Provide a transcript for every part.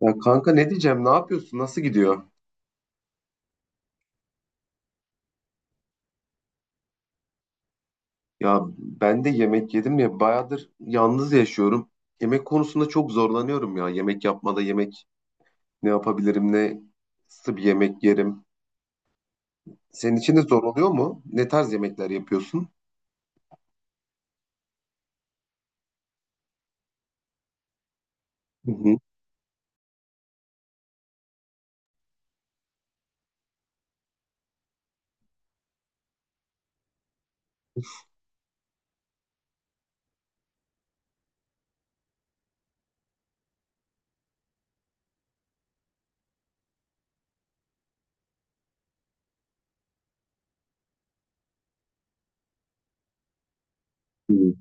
Ya kanka, ne diyeceğim? Ne yapıyorsun? Nasıl gidiyor? Ya ben de yemek yedim, ya bayağıdır yalnız yaşıyorum. Yemek konusunda çok zorlanıyorum ya. Yemek yapmada yemek ne yapabilirim? Nasıl bir yemek yerim? Senin için de zor oluyor mu? Ne tarz yemekler yapıyorsun? Hı hı. Hı.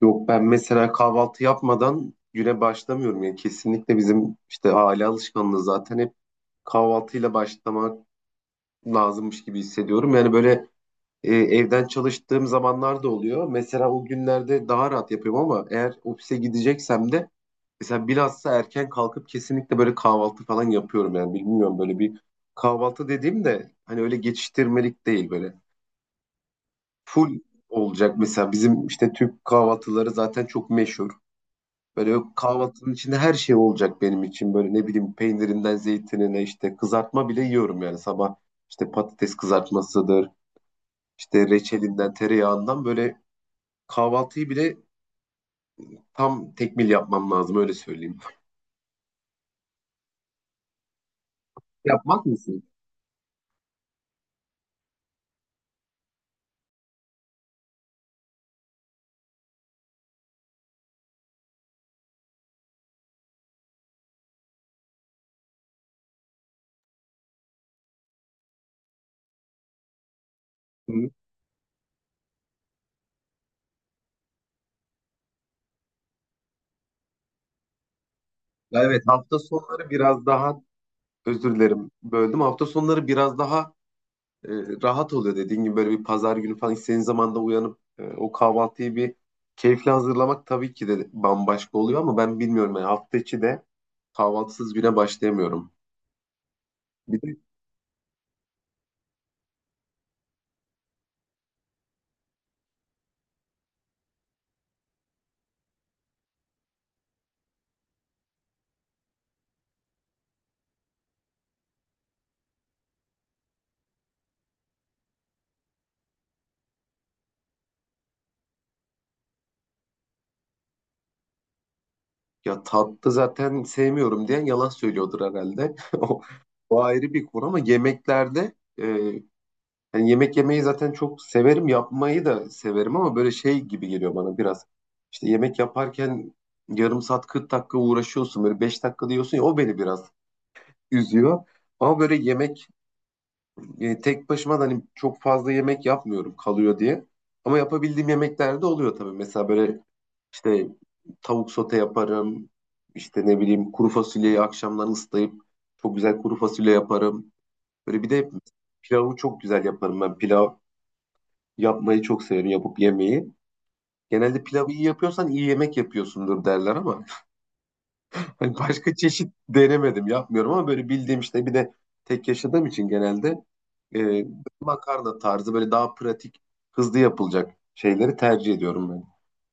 Yok, ben mesela kahvaltı yapmadan güne başlamıyorum. Yani kesinlikle bizim işte aile alışkanlığı, zaten hep kahvaltıyla başlamak lazımmış gibi hissediyorum. Yani böyle. Evden çalıştığım zamanlar da oluyor. Mesela o günlerde daha rahat yapıyorum, ama eğer ofise gideceksem de mesela bilhassa erken kalkıp kesinlikle böyle kahvaltı falan yapıyorum. Yani bilmiyorum, böyle bir kahvaltı dediğim de hani öyle geçiştirmelik değil, böyle full olacak. Mesela bizim işte Türk kahvaltıları zaten çok meşhur. Böyle kahvaltının içinde her şey olacak benim için, böyle ne bileyim peynirinden zeytinine, işte kızartma bile yiyorum yani sabah, işte patates kızartmasıdır, işte reçelinden tereyağından, böyle kahvaltıyı bile tam tekmil yapmam lazım, öyle söyleyeyim. Yapmak mısın? Hı. Ya evet, hafta sonları biraz daha, özür dilerim, böldüm. Hafta sonları biraz daha e, rahat oluyor dediğin gibi, böyle bir pazar günü falan istediğin zaman da uyanıp o kahvaltıyı bir keyifle hazırlamak tabii ki de bambaşka oluyor, ama ben bilmiyorum, yani hafta içi de kahvaltısız güne başlayamıyorum. Bir de, ya tatlı zaten sevmiyorum diyen yalan söylüyordur herhalde. O ayrı bir konu, ama yemeklerde e, yani yemek yemeyi zaten çok severim, yapmayı da severim, ama böyle şey gibi geliyor bana biraz. İşte yemek yaparken yarım saat 40 dakika uğraşıyorsun, böyle 5 dakika diyorsun ya, o beni biraz üzüyor. Ama böyle yemek tek başıma da hani çok fazla yemek yapmıyorum, kalıyor diye. Ama yapabildiğim yemekler de oluyor tabii. Mesela böyle işte tavuk sote yaparım. İşte ne bileyim, kuru fasulyeyi akşamdan ıslayıp çok güzel kuru fasulye yaparım. Böyle bir de pilavı çok güzel yaparım ben. Yapmayı çok severim, yapıp yemeği. Genelde pilavı iyi yapıyorsan iyi yemek yapıyorsundur derler ama hani başka çeşit denemedim, yapmıyorum, ama böyle bildiğim işte, bir de tek yaşadığım için genelde e, makarna tarzı böyle daha pratik, hızlı yapılacak şeyleri tercih ediyorum ben.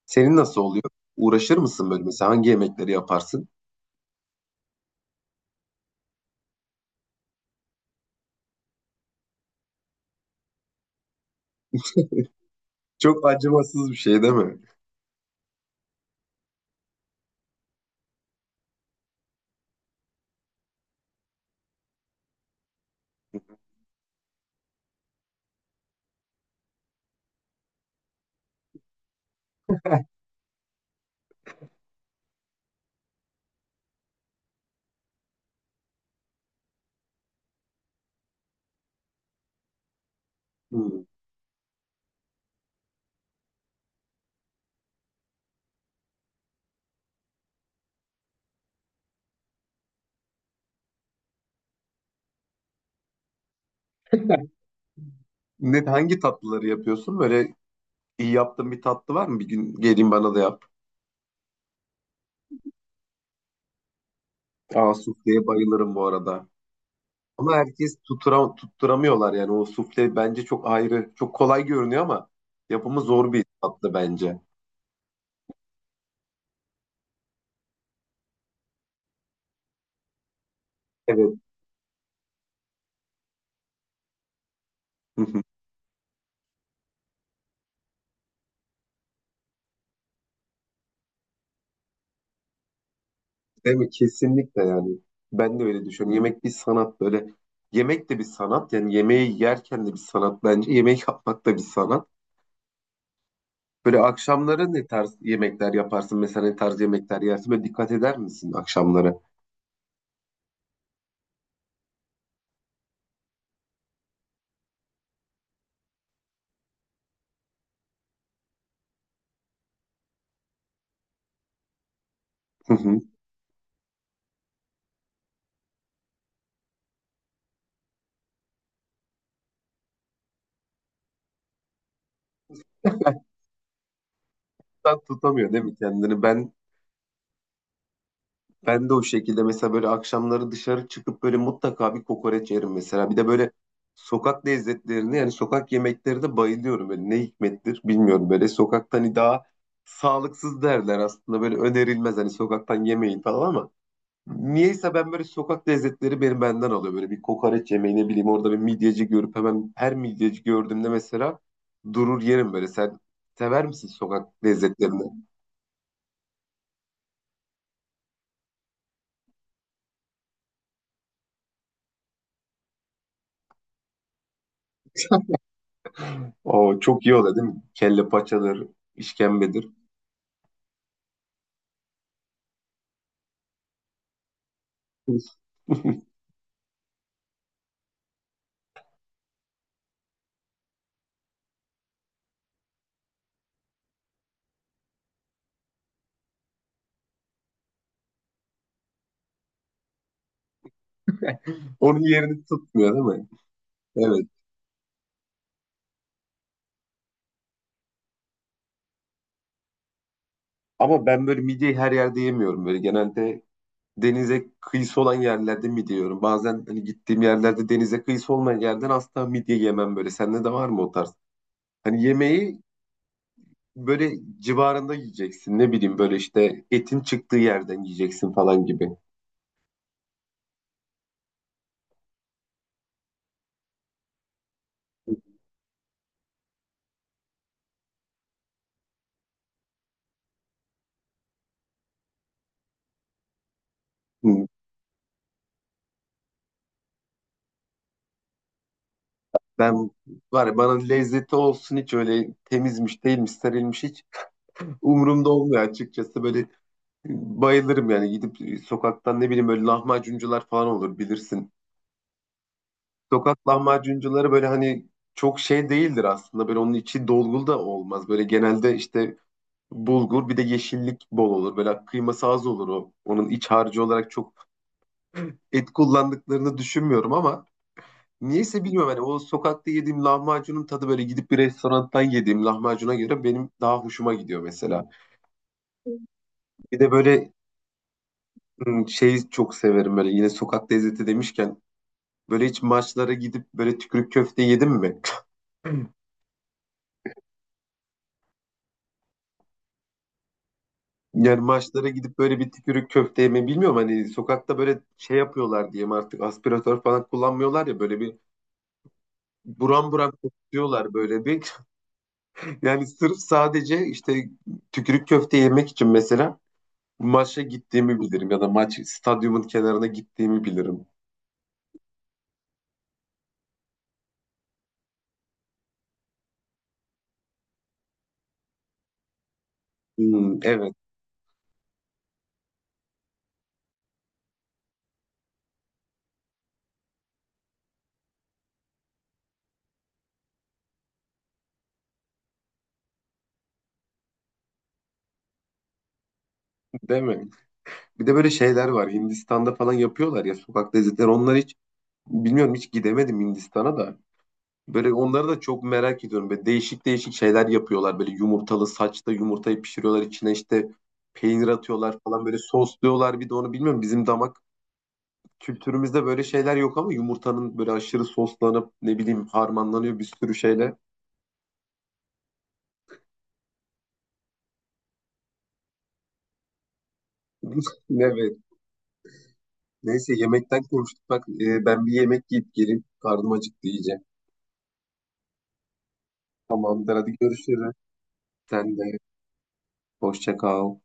Senin nasıl oluyor? Uğraşır mısın, böyle mesela hangi yemekleri yaparsın? Çok acımasız bir şey değil mi? Hmm. Hangi tatlıları yapıyorsun? Böyle iyi yaptığın bir tatlı var mı? Bir gün geleyim, bana da yap. Aa, sufleye bayılırım bu arada. Ama herkes tutturamıyorlar yani, o sufle bence çok ayrı. Çok kolay görünüyor ama yapımı zor bir tatlı bence. Evet. Değil mi? Kesinlikle yani. Ben de öyle düşünüyorum. Yemek bir sanat böyle. Yemek de bir sanat. Yani yemeği yerken de bir sanat bence. Yemek yapmak da bir sanat. Böyle akşamları ne tarz yemekler yaparsın? Mesela ne tarz yemekler yersin? Böyle dikkat eder misin akşamları? Hı. Ben tutamıyor değil mi kendini? Ben de o şekilde mesela, böyle akşamları dışarı çıkıp böyle mutlaka bir kokoreç yerim mesela. Bir de böyle sokak lezzetlerine, yani sokak yemeklerine bayılıyorum. Böyle ne hikmettir bilmiyorum, böyle sokaktan hani daha sağlıksız derler aslında, böyle önerilmez hani sokaktan yemeyin falan, ama niyeyse ben böyle sokak lezzetleri benim benden alıyor. Böyle bir kokoreç yemeği, ne bileyim, orada bir midyeci görüp hemen her midyeci gördüğümde mesela durur yerim böyle. Sen sever misin sokak lezzetlerini? O çok iyi oluyor değil mi? Kelle paçadır, işkembedir. Onun yerini tutmuyor değil mi? Evet. Ama ben böyle midyeyi her yerde yemiyorum. Böyle genelde denize kıyısı olan yerlerde midye yiyorum. Bazen hani gittiğim yerlerde denize kıyısı olmayan yerden asla midye yemem böyle. Sende de var mı o tarz? Hani yemeği böyle civarında yiyeceksin. Ne bileyim böyle, işte etin çıktığı yerden yiyeceksin falan gibi. Hı. Ben var ya, bana lezzeti olsun, hiç öyle temizmiş değilmiş serilmiş hiç umurumda olmuyor açıkçası. Böyle bayılırım yani gidip sokaktan ne bileyim, böyle lahmacuncular falan olur, bilirsin. Sokak lahmacuncuları böyle hani çok şey değildir aslında, böyle onun içi dolgulu da olmaz. Böyle genelde işte bulgur, bir de yeşillik bol olur. Böyle kıyması az olur o. Onun iç harcı olarak çok et kullandıklarını düşünmüyorum, ama niyeyse bilmiyorum hani o sokakta yediğim lahmacunun tadı, böyle gidip bir restorandan yediğim lahmacuna göre benim daha hoşuma gidiyor mesela. Bir de böyle şeyi çok severim böyle, yine sokak lezzeti demişken, böyle hiç maçlara gidip böyle tükürük köfte yedin mi? Yani maçlara gidip böyle bir tükürük köfte yeme, bilmiyorum hani sokakta böyle şey yapıyorlar diyeyim artık, aspiratör falan kullanmıyorlar ya, böyle bir buram buram kokuyorlar böyle bir. Yani sırf, sadece işte tükürük köfte yemek için mesela maça gittiğimi bilirim, ya da maç stadyumun kenarına gittiğimi bilirim. Hmm, evet, değil mi? Bir de böyle şeyler var Hindistan'da falan yapıyorlar ya, sokak lezzetleri. Onlar hiç bilmiyorum, hiç gidemedim Hindistan'a da. Böyle onları da çok merak ediyorum. Böyle değişik değişik şeyler yapıyorlar. Böyle yumurtalı saçta yumurtayı pişiriyorlar. İçine işte peynir atıyorlar falan. Böyle sosluyorlar, bir de onu bilmiyorum. Bizim damak kültürümüzde böyle şeyler yok, ama yumurtanın böyle aşırı soslanıp ne bileyim harmanlanıyor bir sürü şeyle. Evet. Neyse, yemekten konuştuk. Bak, ben bir yemek yiyip geleyim. Karnım acıktı iyice. Tamamdır, hadi görüşürüz. Sen de hoşça kal.